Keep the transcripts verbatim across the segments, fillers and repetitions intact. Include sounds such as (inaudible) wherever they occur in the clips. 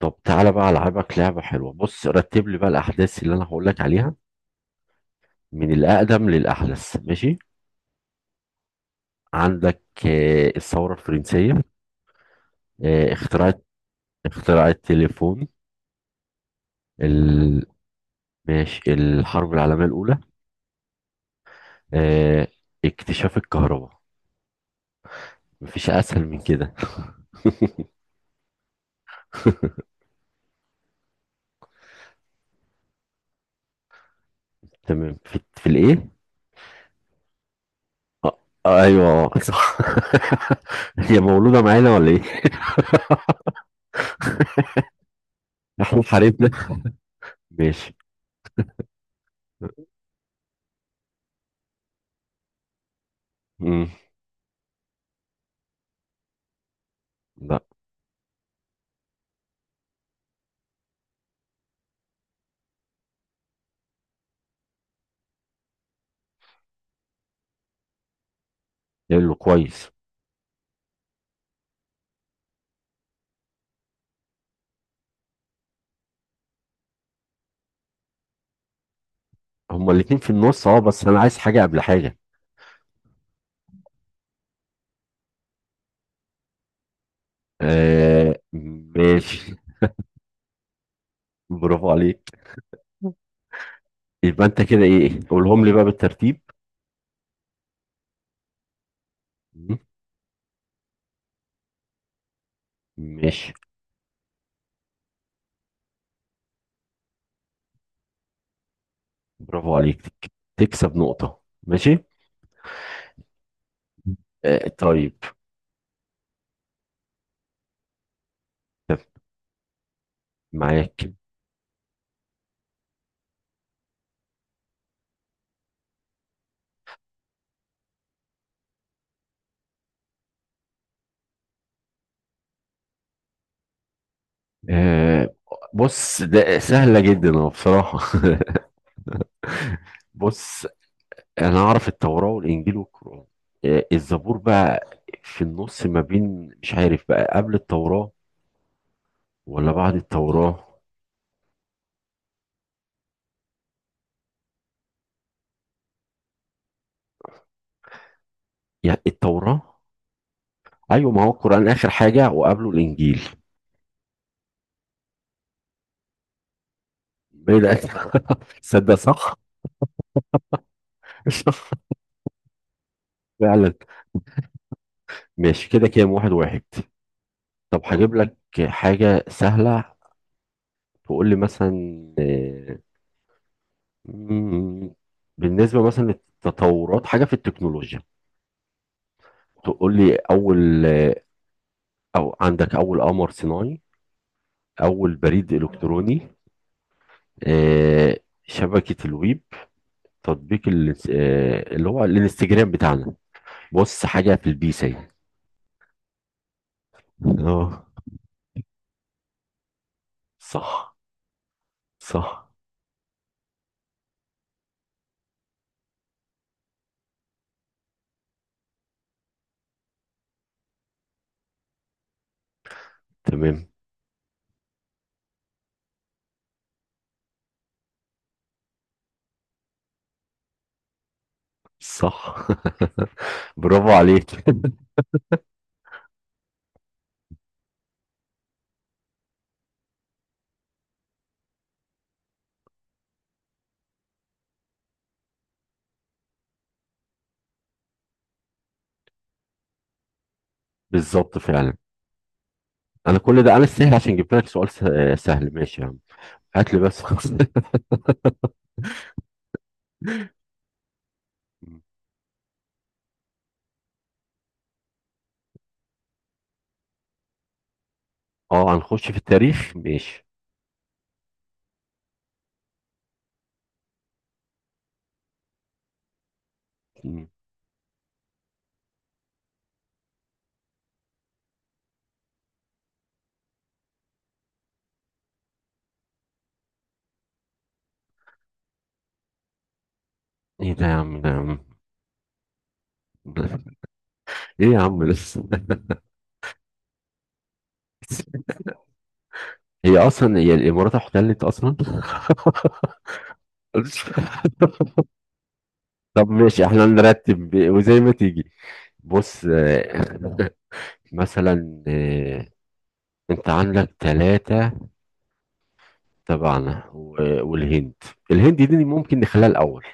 طب تعالى بقى، العبك لعبه حلوه. بص، رتب لي بقى الاحداث اللي انا هقول لك عليها من الاقدم للاحدث، ماشي؟ عندك آه، الثوره الفرنسيه، آه، اخترعت اختراع التليفون، ال... ماشي، الحرب العالميه الاولى، آه، اكتشاف الكهرباء. مفيش اسهل من كده. تمام، في, في الايه؟ آه. آه، ايوه. آه، صح. (laughs) هي مولوده معانا ولا ايه؟ (laughs) احنا حاربنا؟ ماشي. امم لا. يلا، كويس. هما الاتنين في النص، اه، بس انا عايز حاجة قبل حاجة. آه، ماشي. (laughs) برافو عليك. يبقى انت كده ايه؟ قولهم لي بقى بالترتيب. م- ماشي. برافو عليك. تك- تكسب نقطة، ماشي. آه، طيب. طب، معاك. آه بص، ده سهلة جدا اهو بصراحة. (laughs) بص، انا اعرف التوراة والانجيل والقرآن. آه، الزبور بقى في النص ما بين، مش عارف بقى، قبل التوراة ولا بعد التوراة؟ يعني التوراة. ايوه، ما هو القرآن اخر حاجة وقبله الانجيل. بعيد أوي. (laughs) تصدق، صح. (laughs) فعلا. ماشي كده، كام؟ واحد واحد. طب هجيب لك حاجة سهلة. تقول لي مثلا، آه، مم، بالنسبة مثلا للتطورات حاجة في التكنولوجيا. تقول لي، أول آه، أو عندك أول قمر صناعي، أول بريد إلكتروني، آه، شبكة الويب، تطبيق ال- آه، اللي هو الانستجرام بتاعنا. بص، حاجة في البيس اهي. اه، صح. صح. تمام. صح. (laughs) برافو عليك. (laughs) بالظبط، فعلا. انا كل ده انا استاهل عشان جبت لك سؤال س- آه، سهل، ماشي يا عم. هات لي بس. (laughs) خلاص. اه، هنخش في التاريخ، ماشي. م. ايه ده يا عم؟ ده يا عم! (laughs) ايه يا عم لسه؟ (laughs) هي اصلا هي الامارات احتلت اصلا؟ (laughs) طب ماشي، احنا نرتب وزي ما تيجي. بص، آه، (laughs) مثلا، آه، انت عندك ثلاثة تبعنا و- والهند. الهند دي ممكن نخليها الاول.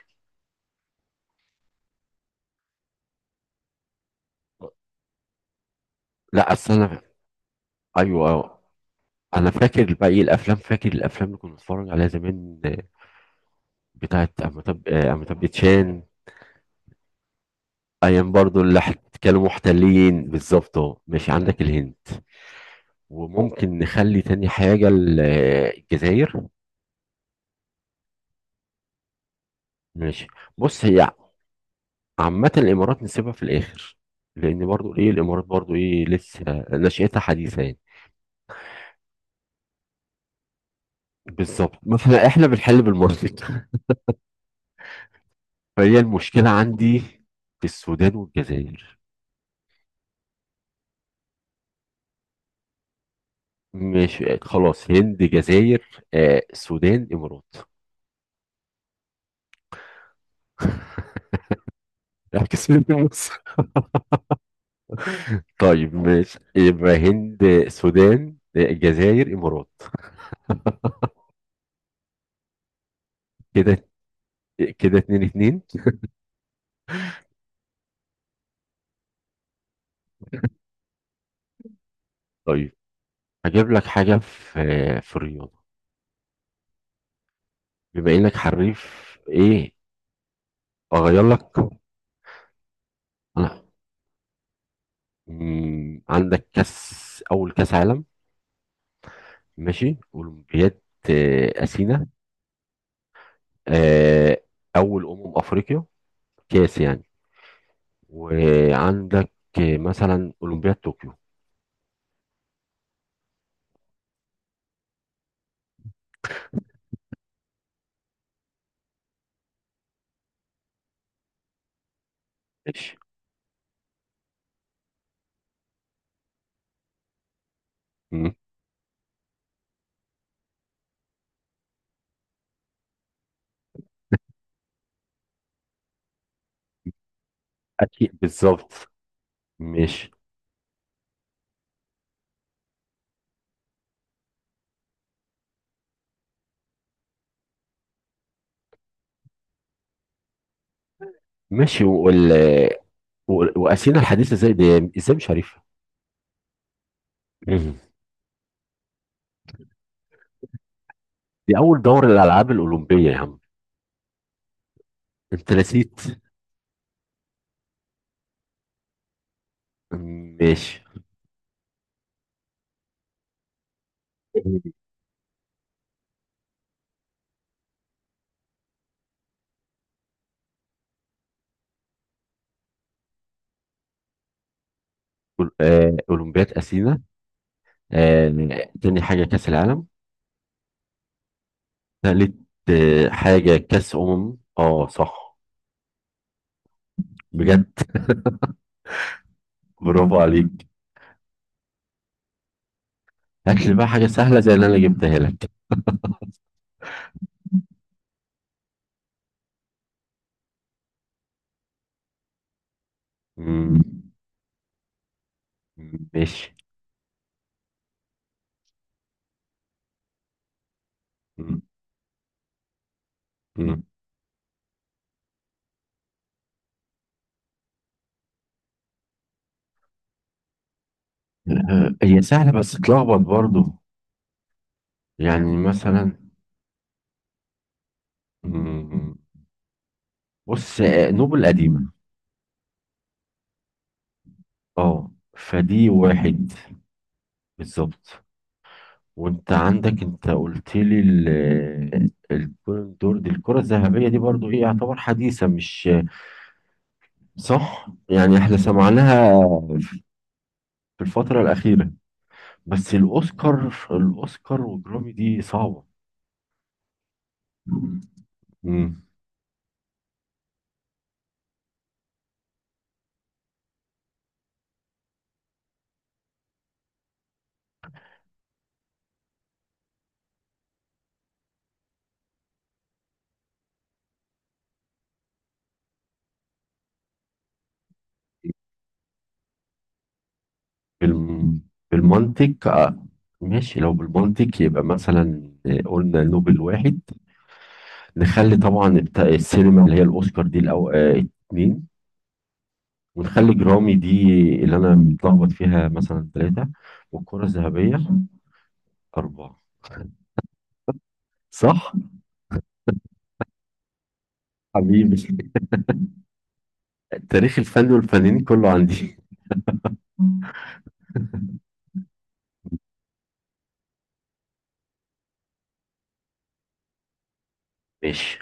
لا، اصل انا، ايوه. أه. انا فاكر بقى ايه الافلام، فاكر الافلام اللي كنا بنتفرج عليها زمان، آه، بتاعت امتاب آه، امتاب باتشان. ايام برضو اللي حت- كانوا محتلين، بالظبط اهو. ماشي، عندك الهند، وممكن نخلي تاني حاجه ال- آه، الجزائر. ماشي. بص، هي عامه الامارات نسيبها في الاخر، لان برضو ايه الامارات برضو، ايه، لسه نشأتها حديثه يعني. بالظبط، مثلا احنا احنا بنحل بالمصري. فهي المشكلة عندي في السودان والجزائر. مش خلاص؟ هند، جزائر، آه، سودان، إمارات. اعكس. هند، مصر. طيب ماشي، يبقى هند، سودان، آه، جزائر، إمارات. كده كده اتنين اتنين. طيب هجيب لك حاجة في آه، في الرياضة. بما إنك حريف. إيه، أغير لك أنا؟ مم، عندك كأس أول كأس عالم، ماشي، أولمبياد آه، أثينا، آه، أول أمم أفريقيا كاس يعني، وعندك مثلا أولمبياد طوكيو. ماشي. مم. أكيد، بالظبط، ماشي. ماشي. وال... و- وأثينا الحديثة ازاي؟ دي ازاي مش عارفها؟ مم. دي أول دور الألعاب الأولمبية يا عم، أنت نسيت. ماشي. أول- آه، أولمبياد أثينا، آه، تاني حاجة كأس العالم، تالت آه، حاجة كأس أمم. اه، صح. بجد، برافو عليك. هات لي بقى حاجة سهلة زي اللي أنا جبتها لك. مم. ماشي. مم. مم. آه، هي سهلة بس تلخبط برضو. يعني مثلا، مم. بص، آه، نوبل قديمة. اه، فدي واحد. بالظبط. وانت عندك، انت قلت لي ال- البالون دور دي، الكرة الذهبية دي برضو ايه، يعتبر حديثة مش؟ صح، يعني احنا سمعناها في الفترة الأخيرة. بس الأوسكار الأوسكار والجرامي دي صعبة. مم. بالم- بالمنطق. ماشي، لو بالمنطق يبقى مثلا، آه، قلنا نوبل واحد، نخلي طبعا بتاع السينما اللي هي الاوسكار دي، الأو... آه، اتنين، ونخلي جرامي دي، اللي انا متلخبط فيها، مثلا ثلاثة، والكرة الذهبية أربعة، صح. حبيبي، تاريخ الفن والفنانين كله عندي. (laughs) ماشي.